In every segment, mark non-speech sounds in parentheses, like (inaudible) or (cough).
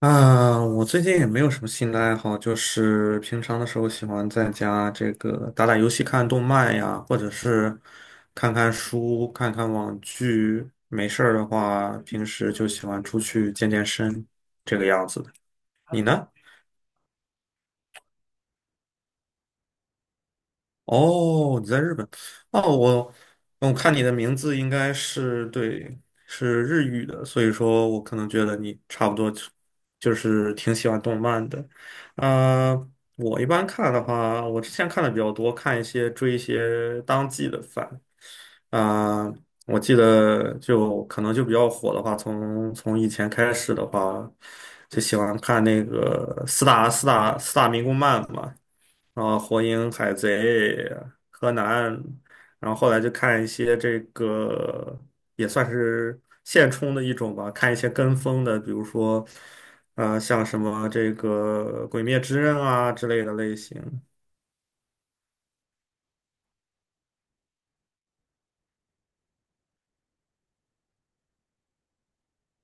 啊，我最近也没有什么新的爱好，就是平常的时候喜欢在家这个打打游戏、看动漫呀，或者是看看书、看看网剧。没事儿的话，平时就喜欢出去健健身，这个样子的。你呢？哦，你在日本？哦，我看你的名字应该是对，是日语的，所以说我可能觉得你差不多就是挺喜欢动漫的。啊，我一般看的话，我之前看的比较多，看一些追一些当季的番。啊、我记得就可能就比较火的话，从以前开始的话，就喜欢看那个四大民工漫嘛。啊，《火影》《海贼》《柯南》，然后后来就看一些这个也算是现充的一种吧，看一些跟风的，比如说，像什么这个《鬼灭之刃》啊之类的类型。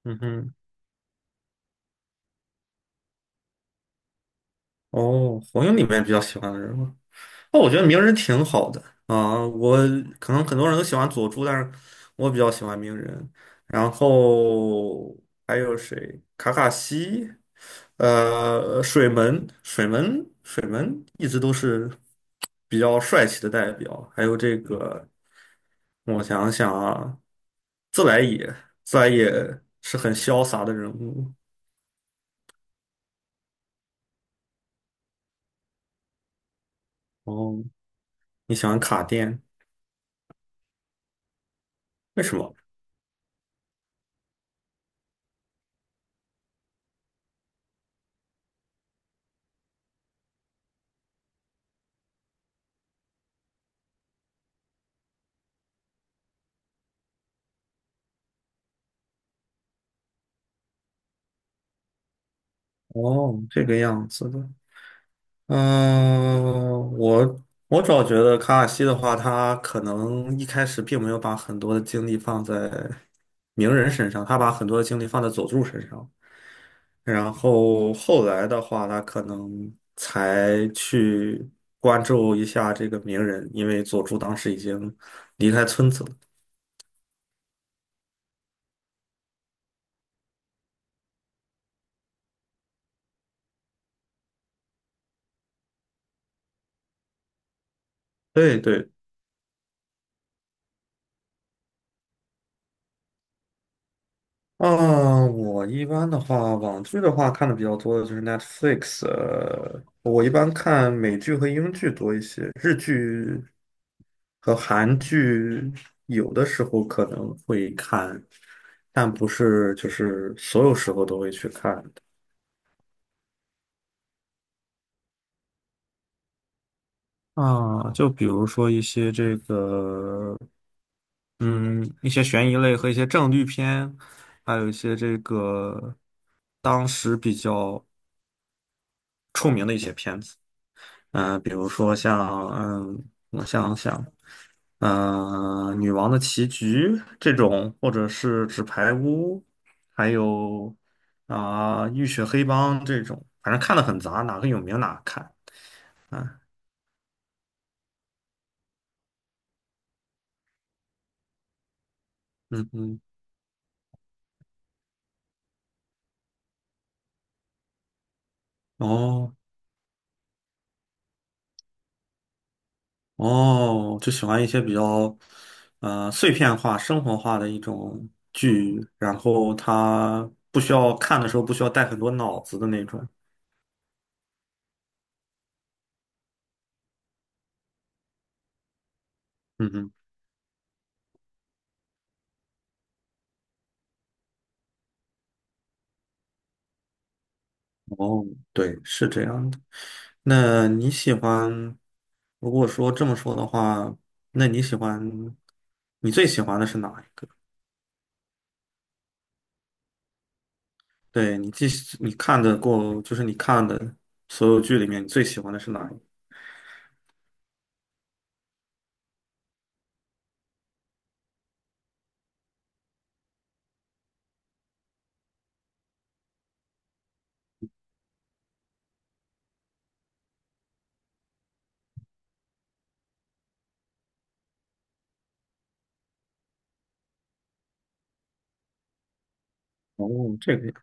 嗯哼。哦，《火影》里面比较喜欢的人物。哦，我觉得鸣人挺好的。啊，我可能很多人都喜欢佐助，但是我比较喜欢鸣人。然后还有谁？卡卡西，水门一直都是比较帅气的代表。还有这个，我想想啊，自来也，自来也是很潇洒的人物。哦，你喜欢卡电，为什么？哦，这个样子的。嗯，我我主要觉得卡卡西的话，他可能一开始并没有把很多的精力放在鸣人身上，他把很多的精力放在佐助身上，然后后来的话，他可能才去关注一下这个鸣人，因为佐助当时已经离开村子了。对对。嗯，我一般的话，网剧的话看的比较多的就是 Netflix,我一般看美剧和英剧多一些，日剧和韩剧有的时候可能会看，但不是就是所有时候都会去看的啊。就比如说一些这个，嗯，一些悬疑类和一些正剧片，还有一些这个当时比较出名的一些片子。比如说像，我想想，《女王的棋局》这种，或者是纸牌屋，还有浴血黑帮这种，反正看的很杂，哪个有名哪个看。嗯嗯。哦哦，就喜欢一些比较碎片化、生活化的一种剧，然后它不需要看的时候不需要带很多脑子的那种。嗯嗯。哦，对，是这样的。那你喜欢，如果说这么说的话，那你喜欢，你最喜欢的是哪一个？对，你既喜你看的过，就是你看的所有剧里面，你最喜欢的是哪一个？哦，这个呀，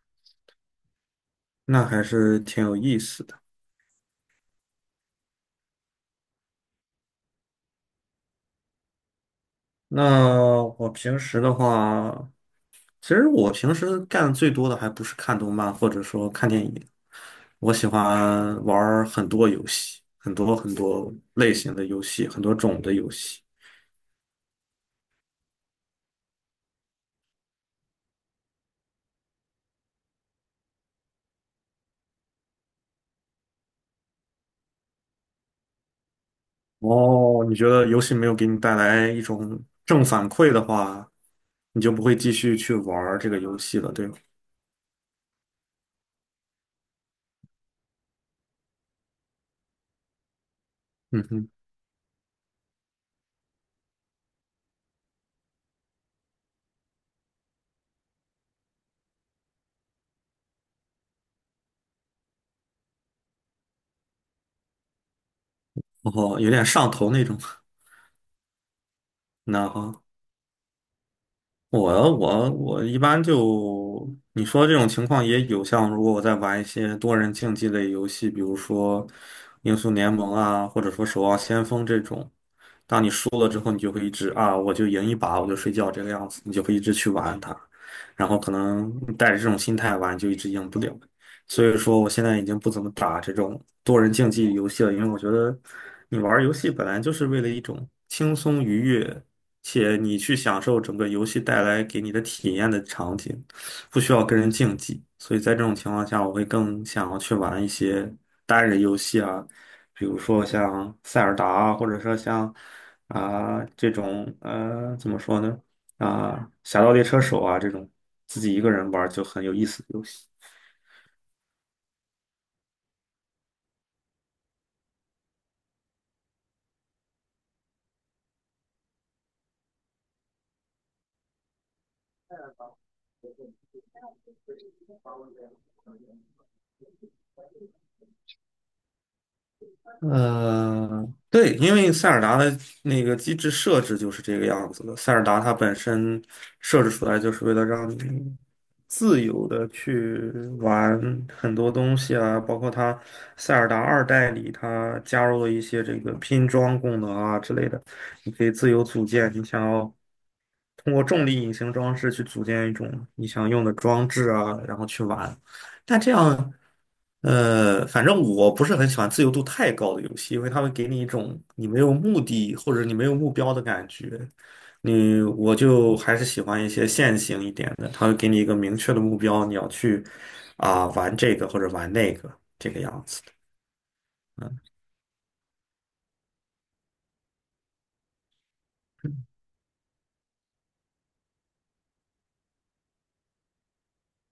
那还是挺有意思的。那我平时的话，其实我平时干的最多的还不是看动漫，或者说看电影，我喜欢玩儿很多游戏，很多很多类型的游戏，很多种的游戏。哦，你觉得游戏没有给你带来一种正反馈的话，你就不会继续去玩儿这个游戏了，对吗？嗯哼。哦，有点上头那种。(laughs) 那好，我一般就你说这种情况也有，像如果我在玩一些多人竞技类游戏，比如说《英雄联盟》啊，或者说《守望先锋》这种，输了之后，你就会一直啊，我就赢一把，我就睡觉这个样子，你就会一直去玩它，然后可能带着这种心态玩，就一直赢不了。所以说，我现在已经不怎么打这种多人竞技游戏了，因为我觉得你玩儿游戏本来就是为了一种轻松愉悦，且你去享受整个游戏带来给你的体验的场景，不需要跟人竞技。所以在这种情况下，我会更想要去玩一些单人游戏啊。比如说像塞尔达，或者说像这种怎么说呢侠盗猎车手啊这种自己一个人玩儿就很有意思的游戏。嗯，对，因为塞尔达的那个机制设置就是这个样子的。塞尔达它本身设置出来就是为了让你自由的去玩很多东西啊，包括它塞尔达二代里它加入了一些这个拼装功能啊之类的，你可以自由组建你想要通过重力隐形装置去组建一种你想用的装置啊，然后去玩。但这样，反正我不是很喜欢自由度太高的游戏，因为它会给你一种你没有目的或者你没有目标的感觉。我就还是喜欢一些线性一点的，它会给你一个明确的目标，你要去玩这个或者玩那个这个样子。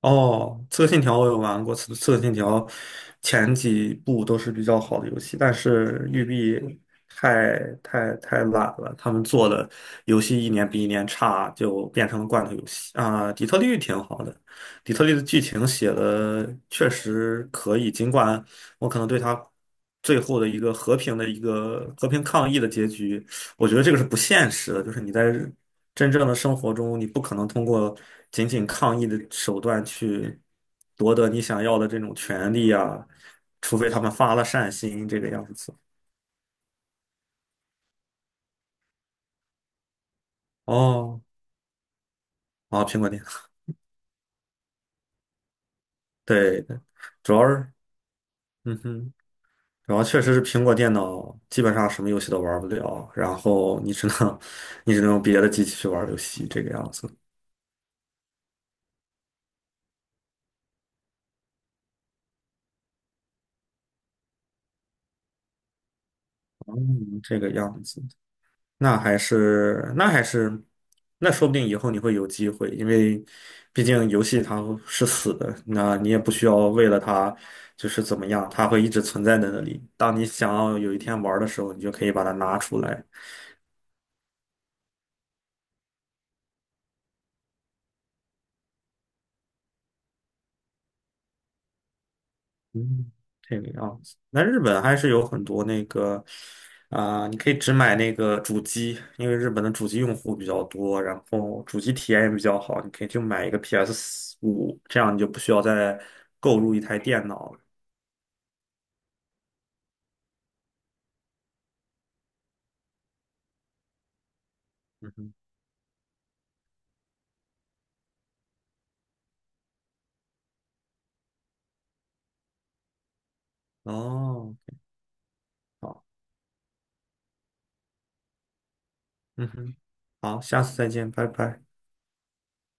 哦，刺客信条我有玩过，刺客信条前几部都是比较好的游戏，但是育碧太太懒了，他们做的游戏一年比一年差，就变成了罐头游戏啊。底特律挺好的，底特律的剧情写的确实可以，尽管我可能对它最后的一个和平抗议的结局，我觉得这个是不现实的，就是你在真正的生活中，你不可能通过仅仅抗议的手段去夺得你想要的这种权利啊，除非他们发了善心这个样子。哦，啊，苹果电脑，对，对。主要是，嗯哼，主要确实是苹果电脑基本上什么游戏都玩不了，然后你只能 (laughs) 你只能用别的机器去玩游戏这个样子。嗯，这个样子。那还是那还是那说不定以后你会有机会，因为毕竟游戏它是死的，那你也不需要为了它就是怎么样，它会一直存在在那里。当你想要有一天玩儿的时候，你就可以把它拿出来。嗯，这个样子。那日本还是有很多你可以只买那个主机，因为日本的主机用户比较多，然后主机体验也比较好，你可以就买一个 PS5，这样你就不需要再购入一台电脑了。哦，好，嗯哼，好，下次再见，拜拜。